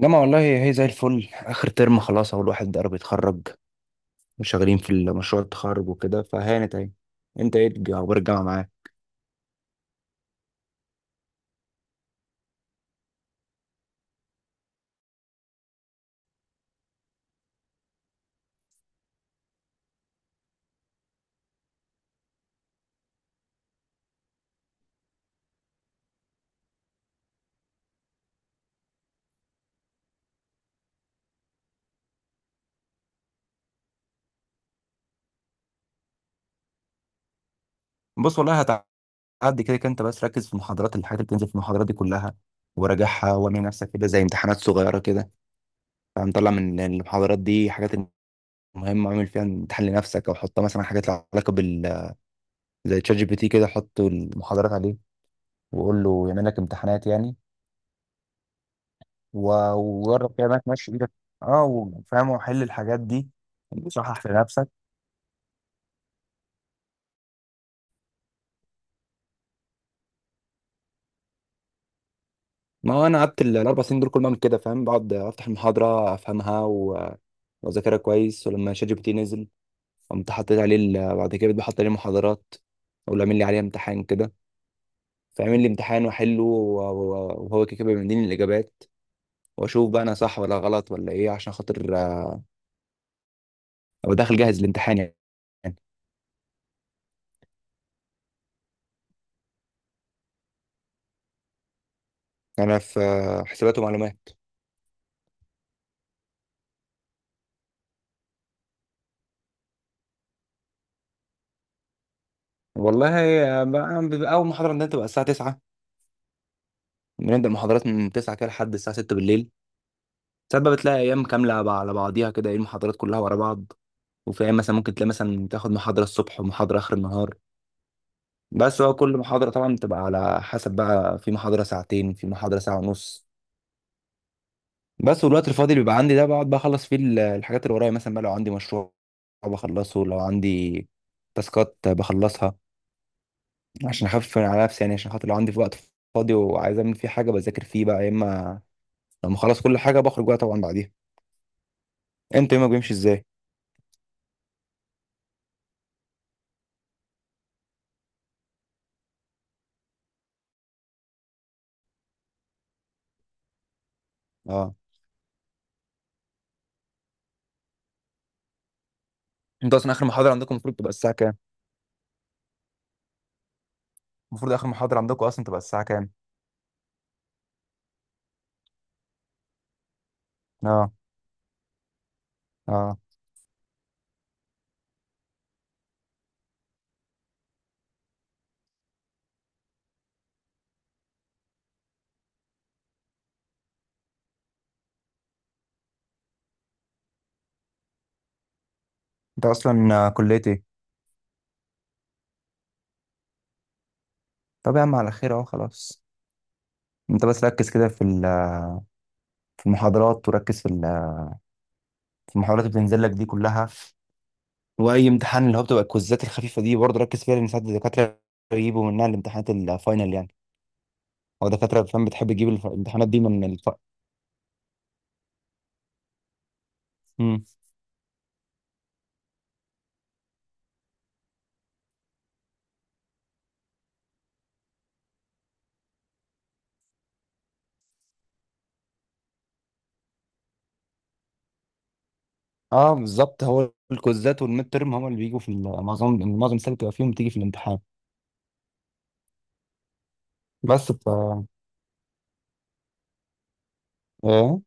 جامعة والله هي زي الفل، آخر ترم خلاص أهو الواحد قرب يتخرج، وشغالين في مشروع التخرج وكده فهانت أهي. أنت إيه أخبار الجامعة معاك؟ بص والله، هتعدي كده كده، أنت بس ركز في المحاضرات، الحاجات اللي بتنزل في المحاضرات دي كلها وراجعها، واعمل نفسك كده زي امتحانات صغيرة كده. فمطلع من المحاضرات دي حاجات مهمة اعمل فيها امتحان لنفسك، أو حط مثلا حاجات لها علاقة زي تشات جي بي تي كده، حط المحاضرات عليه وقول له يعمل لك امتحانات يعني. و- وجرب كده انك ماشي ايدك، اه، وفاهم وحل الحاجات دي وصحح في نفسك. ما هو انا قعدت الاربع سنين دول كل ما اعمل كده، فاهم، بقعد افتح المحاضره، افهمها و- واذاكرها كويس. ولما شات جي بي تي نزل، قمت حطيت عليه بعد كده بقيت بحط عليه محاضرات، اقول له اعمل لي عليه امتحان كده، فيعمل لي امتحان واحله و- و- وهو كده كده بيديني الاجابات، واشوف بقى انا صح ولا غلط ولا ايه، عشان خاطر ابقى داخل جاهز الامتحان يعني. يعني انا في حسابات ومعلومات. والله هي بيبقى اول محاضره عندنا بتبقى الساعه 9، بنبدا محاضرات من 9 كده لحد الساعه 6 بالليل. ساعات بقى بتلاقي ايام كامله على بعضيها كده، ايه، المحاضرات كلها ورا بعض. وفي ايام مثلا ممكن تلاقي مثلا تاخد محاضره الصبح ومحاضره اخر النهار. بس هو كل محاضره طبعا بتبقى على حسب، بقى في محاضره ساعتين، في محاضره ساعه ونص. بس والوقت الفاضي اللي بيبقى عندي ده بقعد بقى اخلص فيه الحاجات اللي ورايا، مثلا بقى لو عندي مشروع بخلصه، لو عندي تاسكات بخلصها، عشان اخفف على نفسي يعني. عشان خاطر لو عندي في وقت فاضي وعايز اعمل فيه حاجه، بذاكر فيه بقى، يا اما لما اخلص كل حاجه بخرج بقى طبعا بعديها. انت يومك بيمشي ازاي؟ اه. انت اصلا اخر محاضره عندكم المفروض تبقى الساعه كام؟ المفروض اخر محاضره عندكم اصلا تبقى الساعه كام؟ اه. اه. انت اصلا كليه ايه؟ طب يا عم على خير، اهو خلاص. انت بس ركز كده في في المحاضرات، وركز في في المحاضرات اللي بتنزل لك دي كلها. واي امتحان اللي هو بتبقى الكوزات الخفيفه دي برضه ركز فيها، لان ساعات الدكاتره يجيبوا منها الامتحانات الفاينل يعني. هو دكاترة فاهم بتحب تجيب الامتحانات دي من مم. اه، بالظبط، هو الكوزات والميد ترم هم اللي بيجوا في معظم السنة بتبقى فيهم، بتيجي في الامتحان. بس ف، ايه،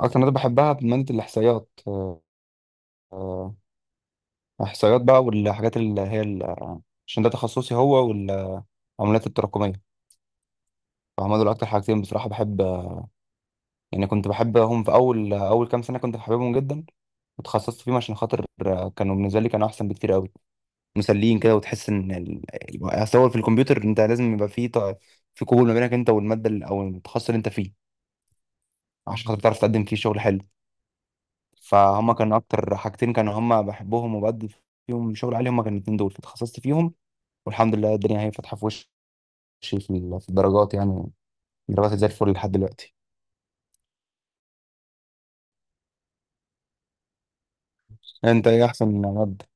اكتر مادة بحبها مادة الاحصائيات. آه، احصائيات بقى، والحاجات اللي هي عشان ده تخصصي هو، والعمليات التراكمية. فهم دول اكتر حاجتين بصراحة بحب. يعني كنت بحبهم في اول، اول كام سنة كنت بحبهم جدا، وتخصصت فيهم، عشان خاطر كانوا بالنسبة لي كانوا احسن بكتير قوي، مسليين كده، وتحس ان اصل هو في الكمبيوتر انت لازم يبقى فيه في قبول ما بينك انت والماده او التخصص اللي انت فيه، عشان خاطر تعرف تقدم فيه شغل حلو. فهم كان اكتر حاجتين كانوا هم بحبهم وبقدم فيهم شغل عالي، هم كانوا الاتنين دول فتخصصت فيهم. والحمد لله الدنيا هي فاتحه في وشي في في الدرجات يعني، درجاتي زي الفل لحد دلوقتي. انت ايه احسن ماده؟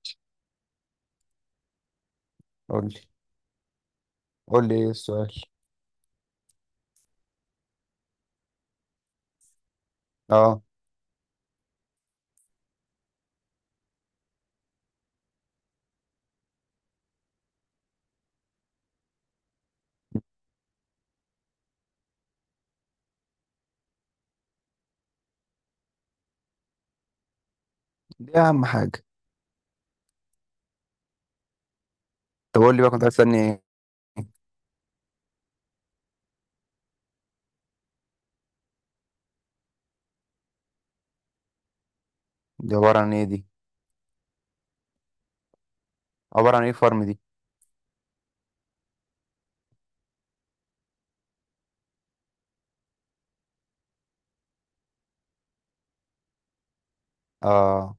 قول لي، قول لي ايه السؤال. اه، دي اهم حاجه. طب قول لي بقى كنت عايز تسالني ايه؟ دي عباره عن ايه دي؟ عباره عن ايه فارم دي؟ اه.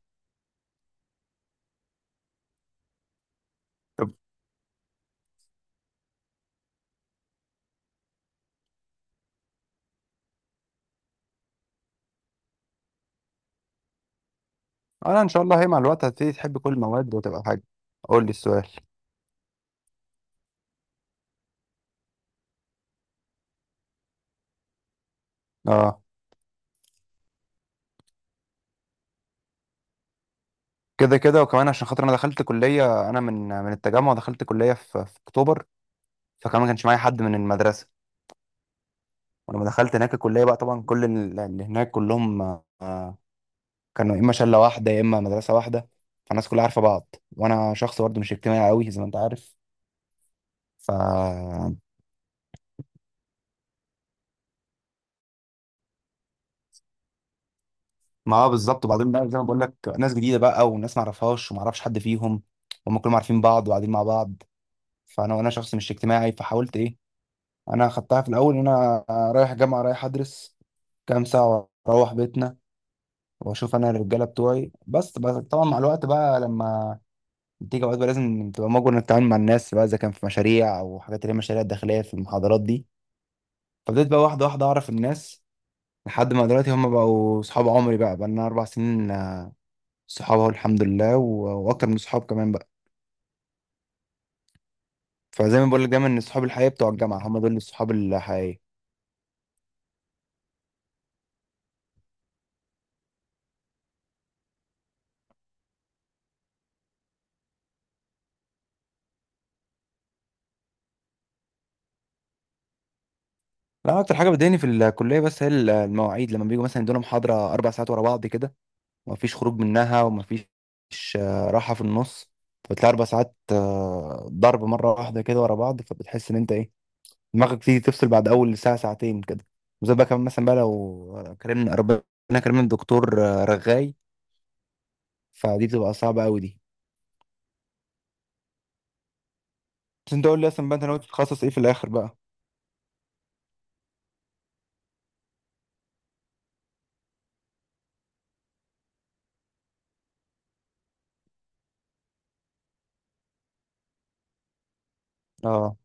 انا ان شاء الله هي مع الوقت هتبتدي تحب كل المواد وتبقى حاجه. قول لي السؤال. اه، كده كده، وكمان عشان خاطر انا دخلت كليه، انا من التجمع، دخلت كليه في, في اكتوبر، فكمان ما كانش معايا حد من المدرسه. ولما دخلت هناك الكليه بقى، طبعا كل اللي هناك كلهم آه، كانوا يا اما شله واحده يا اما مدرسه واحده، فالناس كلها عارفه بعض، وانا شخص برضه مش اجتماعي قوي زي ما انت عارف. ف، ما هو بالظبط. وبعدين بقى زي ما بقول لك، ناس جديده بقى، وناس ما اعرفهاش وما اعرفش حد فيهم، هم كلهم عارفين بعض وقاعدين مع بعض. فانا وانا شخص مش اجتماعي، فحاولت ايه، انا خدتها في الاول ان انا رايح جامعه، رايح ادرس كام ساعه واروح بيتنا واشوف انا الرجاله بتوعي بس. طبعا مع الوقت بقى، لما تيجي اوقات بقى، لازم تبقى مجبر انك تتعامل مع الناس بقى، اذا كان في مشاريع او حاجات اللي هي مشاريع داخليه في المحاضرات دي. فبدأت بقى واحده واحده اعرف الناس، لحد ما دلوقتي هم بقوا صحاب عمري، بقى بقى لنا اربع سنين صحاب اهو، الحمد لله، و- واكتر من صحاب كمان بقى. فزي ما بقول لك، دايما ان صحاب الحقيقيه بتوع الجامعه هم دول الصحاب الحقيقيه. لا، اكتر حاجه بتضايقني في الكليه بس هي المواعيد، لما بيجوا مثلا يدونا محاضره اربع ساعات ورا بعض كده، ومفيش خروج منها، ومفيش راحه في النص. فبتلاقي اربع ساعات ضرب مره واحده كده ورا بعض، فبتحس ان انت ايه، دماغك تيجي تفصل بعد اول ساعه، ساعتين كده. وزي بقى كمان مثلا بقى لو كرمنا ربنا، كرمنا الدكتور رغاي، فدي بتبقى صعبه قوي دي. بس انت قول لي اصلا بقى، انت ناوي تتخصص ايه في الاخر بقى؟ اه.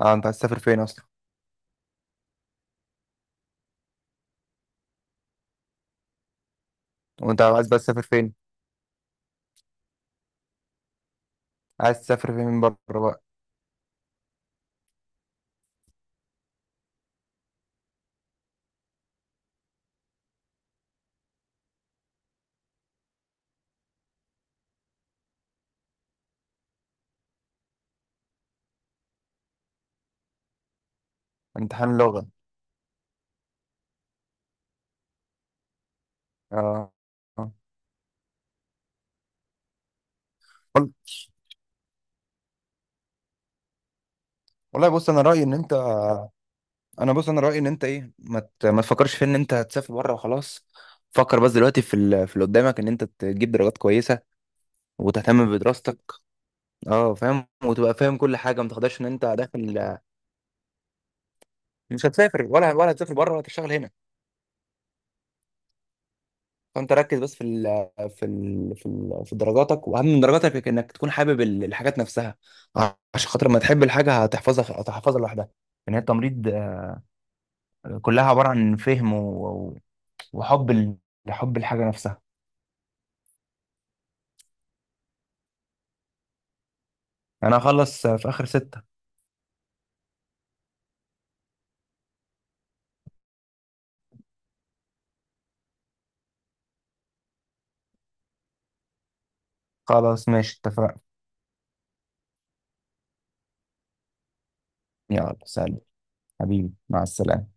اه، انت عايز تسافر فين اصلا؟ وانت عايز بقى تسافر فين؟ عايز تسافر فين من بره بقى؟ امتحان لغه. اه. آه. وال- والله بص، انا رايي ان انت، انا بص انا رايي ان انت ايه، ما تفكرش في ان انت هتسافر بره وخلاص. فكر بس دلوقتي في في اللي قدامك، ان انت تجيب درجات كويسه وتهتم بدراستك. اه، فاهم، وتبقى فاهم كل حاجه، ما تاخدهاش ان انت داخل مش هتسافر. ولا هتسافر بره، ولا هتشتغل هنا. فانت ركز بس في ال في في, في درجاتك، واهم من درجاتك انك تكون حابب الحاجات نفسها، عشان خاطر ما تحب الحاجه هتحفظها، هتحفظها لوحدها. ان هي التمريض كلها عباره عن فهم وحب حب الحاجة نفسها. يعني أنا هخلص في آخر ستة. خلاص ماشي، اتفقنا. يلا سلام. حبيبي مع السلامة.